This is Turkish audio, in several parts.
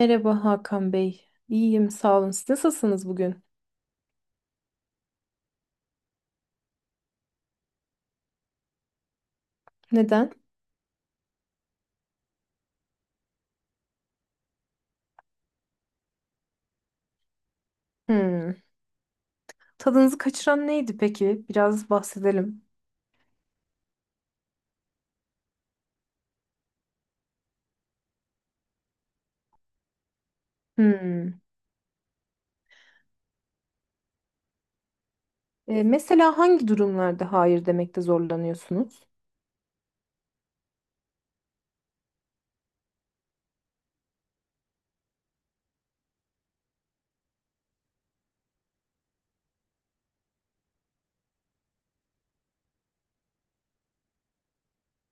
Merhaba Hakan Bey. İyiyim, sağ olun. Siz nasılsınız bugün? Neden? Hmm. Tadınızı kaçıran neydi peki? Biraz bahsedelim. Hmm. Mesela hangi durumlarda hayır demekte zorlanıyorsunuz?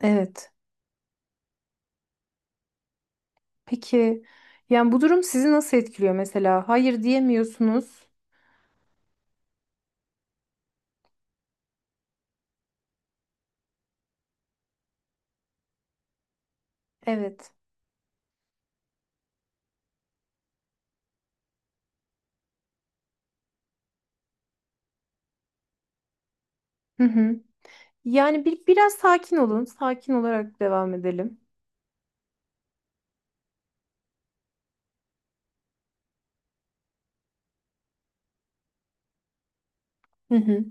Evet. Peki, yani bu durum sizi nasıl etkiliyor mesela? Hayır diyemiyorsunuz. Evet. Hı hı. Yani biraz sakin olun. Sakin olarak devam edelim. Hı hı.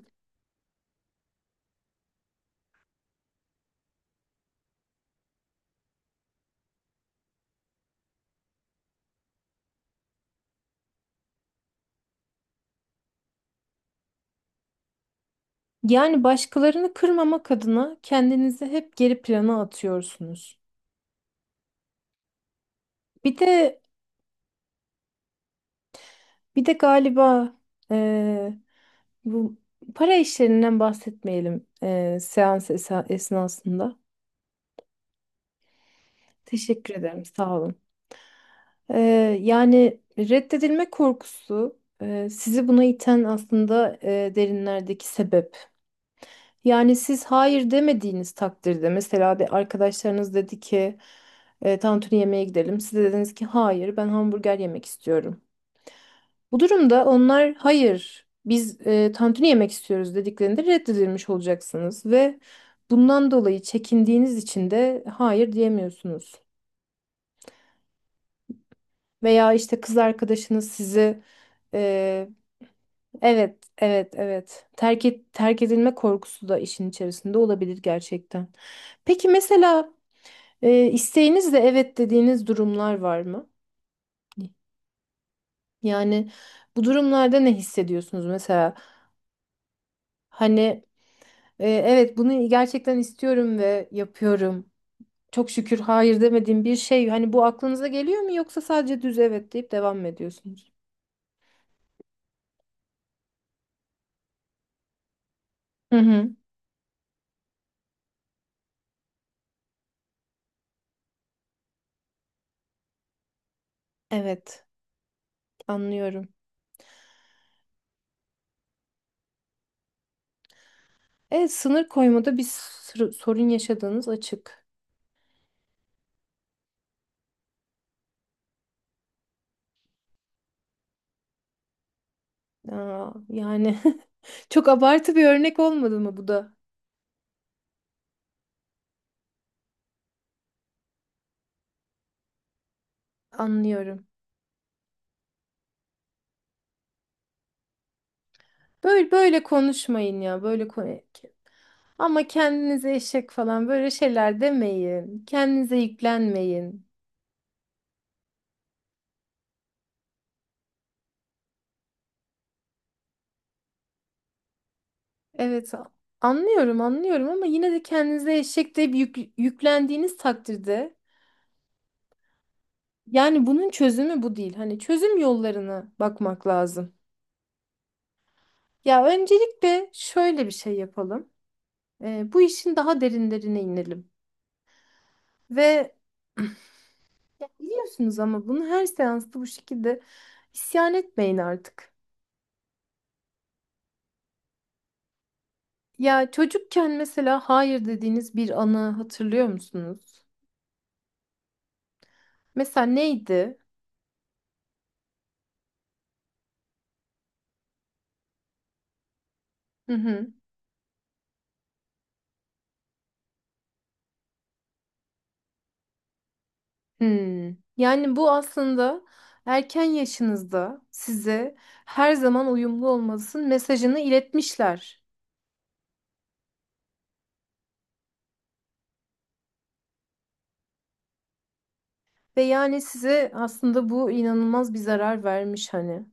Yani başkalarını kırmamak adına kendinizi hep geri plana atıyorsunuz. Bir de bir de galiba eee, bu para işlerinden bahsetmeyelim esnasında. Teşekkür ederim, sağ olun. Eee, yani reddedilme korkusu sizi buna iten aslında derinlerdeki sebep. Yani siz hayır demediğiniz takdirde mesela de arkadaşlarınız dedi ki tantuni yemeğe gidelim. Siz de dediniz ki hayır ben hamburger yemek istiyorum. Bu durumda onlar hayır biz tantuni yemek istiyoruz dediklerinde reddedilmiş olacaksınız ve bundan dolayı çekindiğiniz için de hayır diyemiyorsunuz. Veya işte kız arkadaşınız sizi e, evet evet evet terk edilme korkusu da işin içerisinde olabilir gerçekten. Peki mesela isteğinizle evet dediğiniz durumlar var mı? Yani bu durumlarda ne hissediyorsunuz mesela? Hani evet bunu gerçekten istiyorum ve yapıyorum. Çok şükür hayır demediğim bir şey. Hani bu aklınıza geliyor mu yoksa sadece düz evet deyip devam mı ediyorsunuz? Hı hı. Evet, anlıyorum. Evet, sınır koymada bir sır- sorun yaşadığınız açık. Aa, yani çok abartı bir örnek olmadı mı bu da? Anlıyorum. Böyle böyle konuşmayın ya. Böyle konu. Ama kendinize eşek falan böyle şeyler demeyin. Kendinize yüklenmeyin. Evet, a- anlıyorum, anlıyorum ama yine de kendinize eşek deyip yüklendiğiniz takdirde yani bunun çözümü bu değil. Hani çözüm yollarına bakmak lazım. Ya öncelikle şöyle bir şey yapalım. Bu işin daha derinlerine inelim. Ve biliyorsunuz ama bunu her seansta bu şekilde isyan etmeyin artık. Ya çocukken mesela hayır dediğiniz bir anı hatırlıyor musunuz? Mesela neydi? Hı hı. Hmm. Yani bu aslında erken yaşınızda size her zaman uyumlu olmalısın mesajını iletmişler. Ve yani size aslında bu inanılmaz bir zarar vermiş hani.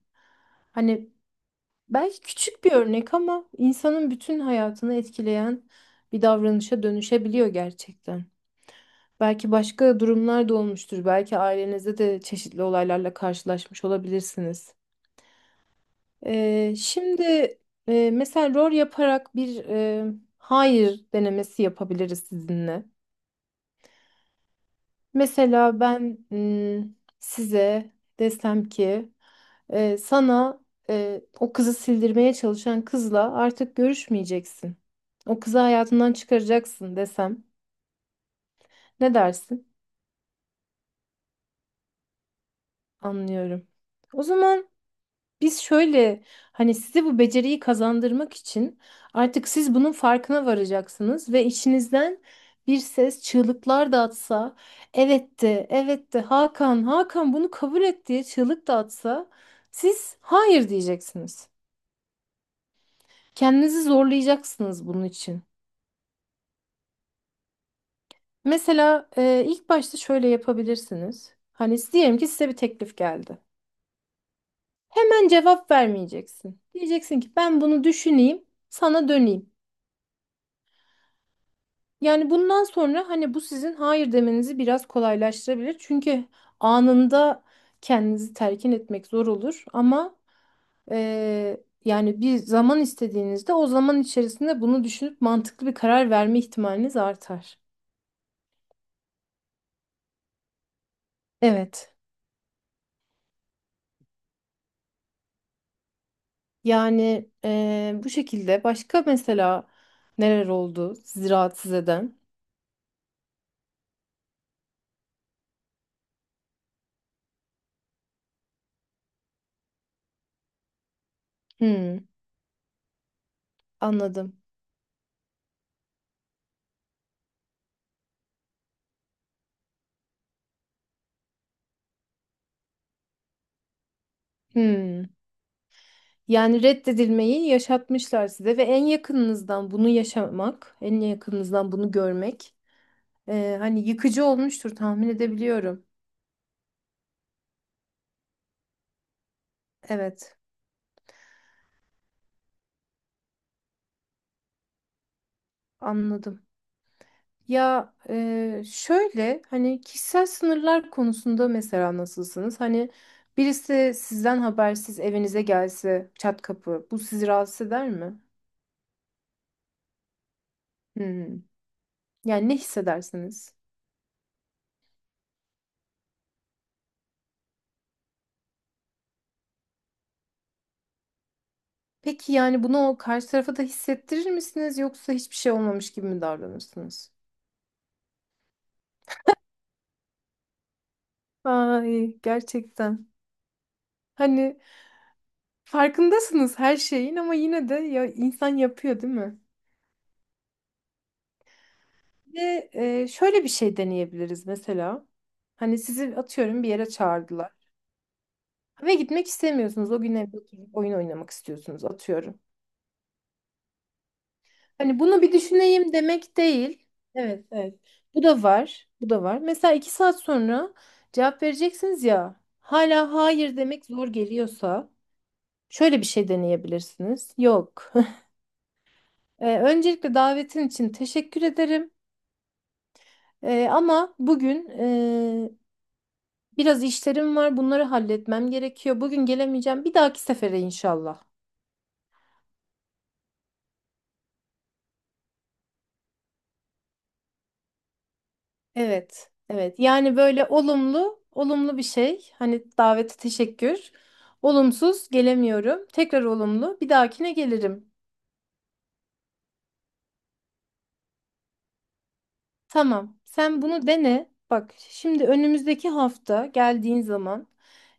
Hani belki küçük bir örnek ama insanın bütün hayatını etkileyen bir davranışa dönüşebiliyor gerçekten. Belki başka durumlar da olmuştur. Belki ailenizde de çeşitli olaylarla karşılaşmış olabilirsiniz. Şimdi mesela rol yaparak bir hayır denemesi yapabiliriz sizinle. Mesela ben size desem ki sana o kızı sildirmeye çalışan kızla artık görüşmeyeceksin. O kızı hayatından çıkaracaksın desem. Ne dersin? Anlıyorum. O zaman. Biz şöyle hani size bu beceriyi kazandırmak için artık siz bunun farkına varacaksınız ve içinizden bir ses çığlıklar da atsa, evet de, evet de Hakan, Hakan bunu kabul et diye çığlık da atsa siz hayır diyeceksiniz. Kendinizi zorlayacaksınız bunun için. Mesela ilk başta şöyle yapabilirsiniz. Hani diyelim ki size bir teklif geldi. Hemen cevap vermeyeceksin. Diyeceksin ki ben bunu düşüneyim, sana döneyim. Yani bundan sonra hani bu sizin hayır demenizi biraz kolaylaştırabilir. Çünkü anında kendinizi telkin etmek zor olur ama yani bir zaman istediğinizde o zaman içerisinde bunu düşünüp mantıklı bir karar verme ihtimaliniz artar. Evet. Yani bu şekilde başka mesela neler oldu sizi rahatsız eden? Hmm, anladım. Hmm. Yani reddedilmeyi yaşatmışlar size ve en yakınınızdan bunu yaşamak, en yakınınızdan bunu görmek, hani yıkıcı olmuştur tahmin edebiliyorum. Evet, anladım. Ya şöyle hani kişisel sınırlar konusunda mesela nasılsınız? Hani birisi sizden habersiz evinize gelse çat kapı, bu sizi rahatsız eder mi? Hmm. Yani ne hissedersiniz? Peki yani bunu o karşı tarafa da hissettirir misiniz yoksa hiçbir şey olmamış gibi mi davranırsınız? Ay gerçekten. Hani farkındasınız her şeyin ama yine de ya insan yapıyor değil mi? Ve şöyle bir şey deneyebiliriz mesela. Hani sizi atıyorum bir yere çağırdılar. Ve gitmek istemiyorsunuz. O gün evde oturup oyun oynamak istiyorsunuz atıyorum. Hani bunu bir düşüneyim demek değil. Evet, evet. Bu da var. Bu da var. Mesela iki saat sonra cevap vereceksiniz ya. Hala hayır demek zor geliyorsa şöyle bir şey deneyebilirsiniz. Yok. Öncelikle davetin için teşekkür ederim. Ama bugün biraz işlerim var. Bunları halletmem gerekiyor. Bugün gelemeyeceğim. Bir dahaki sefere inşallah. Evet, evet. Yani böyle olumlu, olumlu bir şey. Hani davete teşekkür. Olumsuz gelemiyorum. Tekrar olumlu. Bir dahakine gelirim. Tamam. Sen bunu dene. Bak şimdi önümüzdeki hafta geldiğin zaman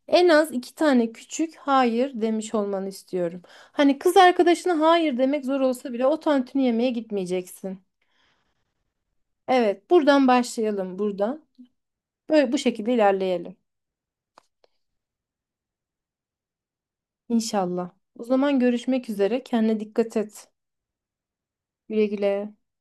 en az 2 tane küçük hayır demiş olmanı istiyorum. Hani kız arkadaşına hayır demek zor olsa bile o tantuni yemeğe gitmeyeceksin. Evet, buradan başlayalım buradan. Böyle bu şekilde ilerleyelim. İnşallah. O zaman görüşmek üzere. Kendine dikkat et. Güle güle.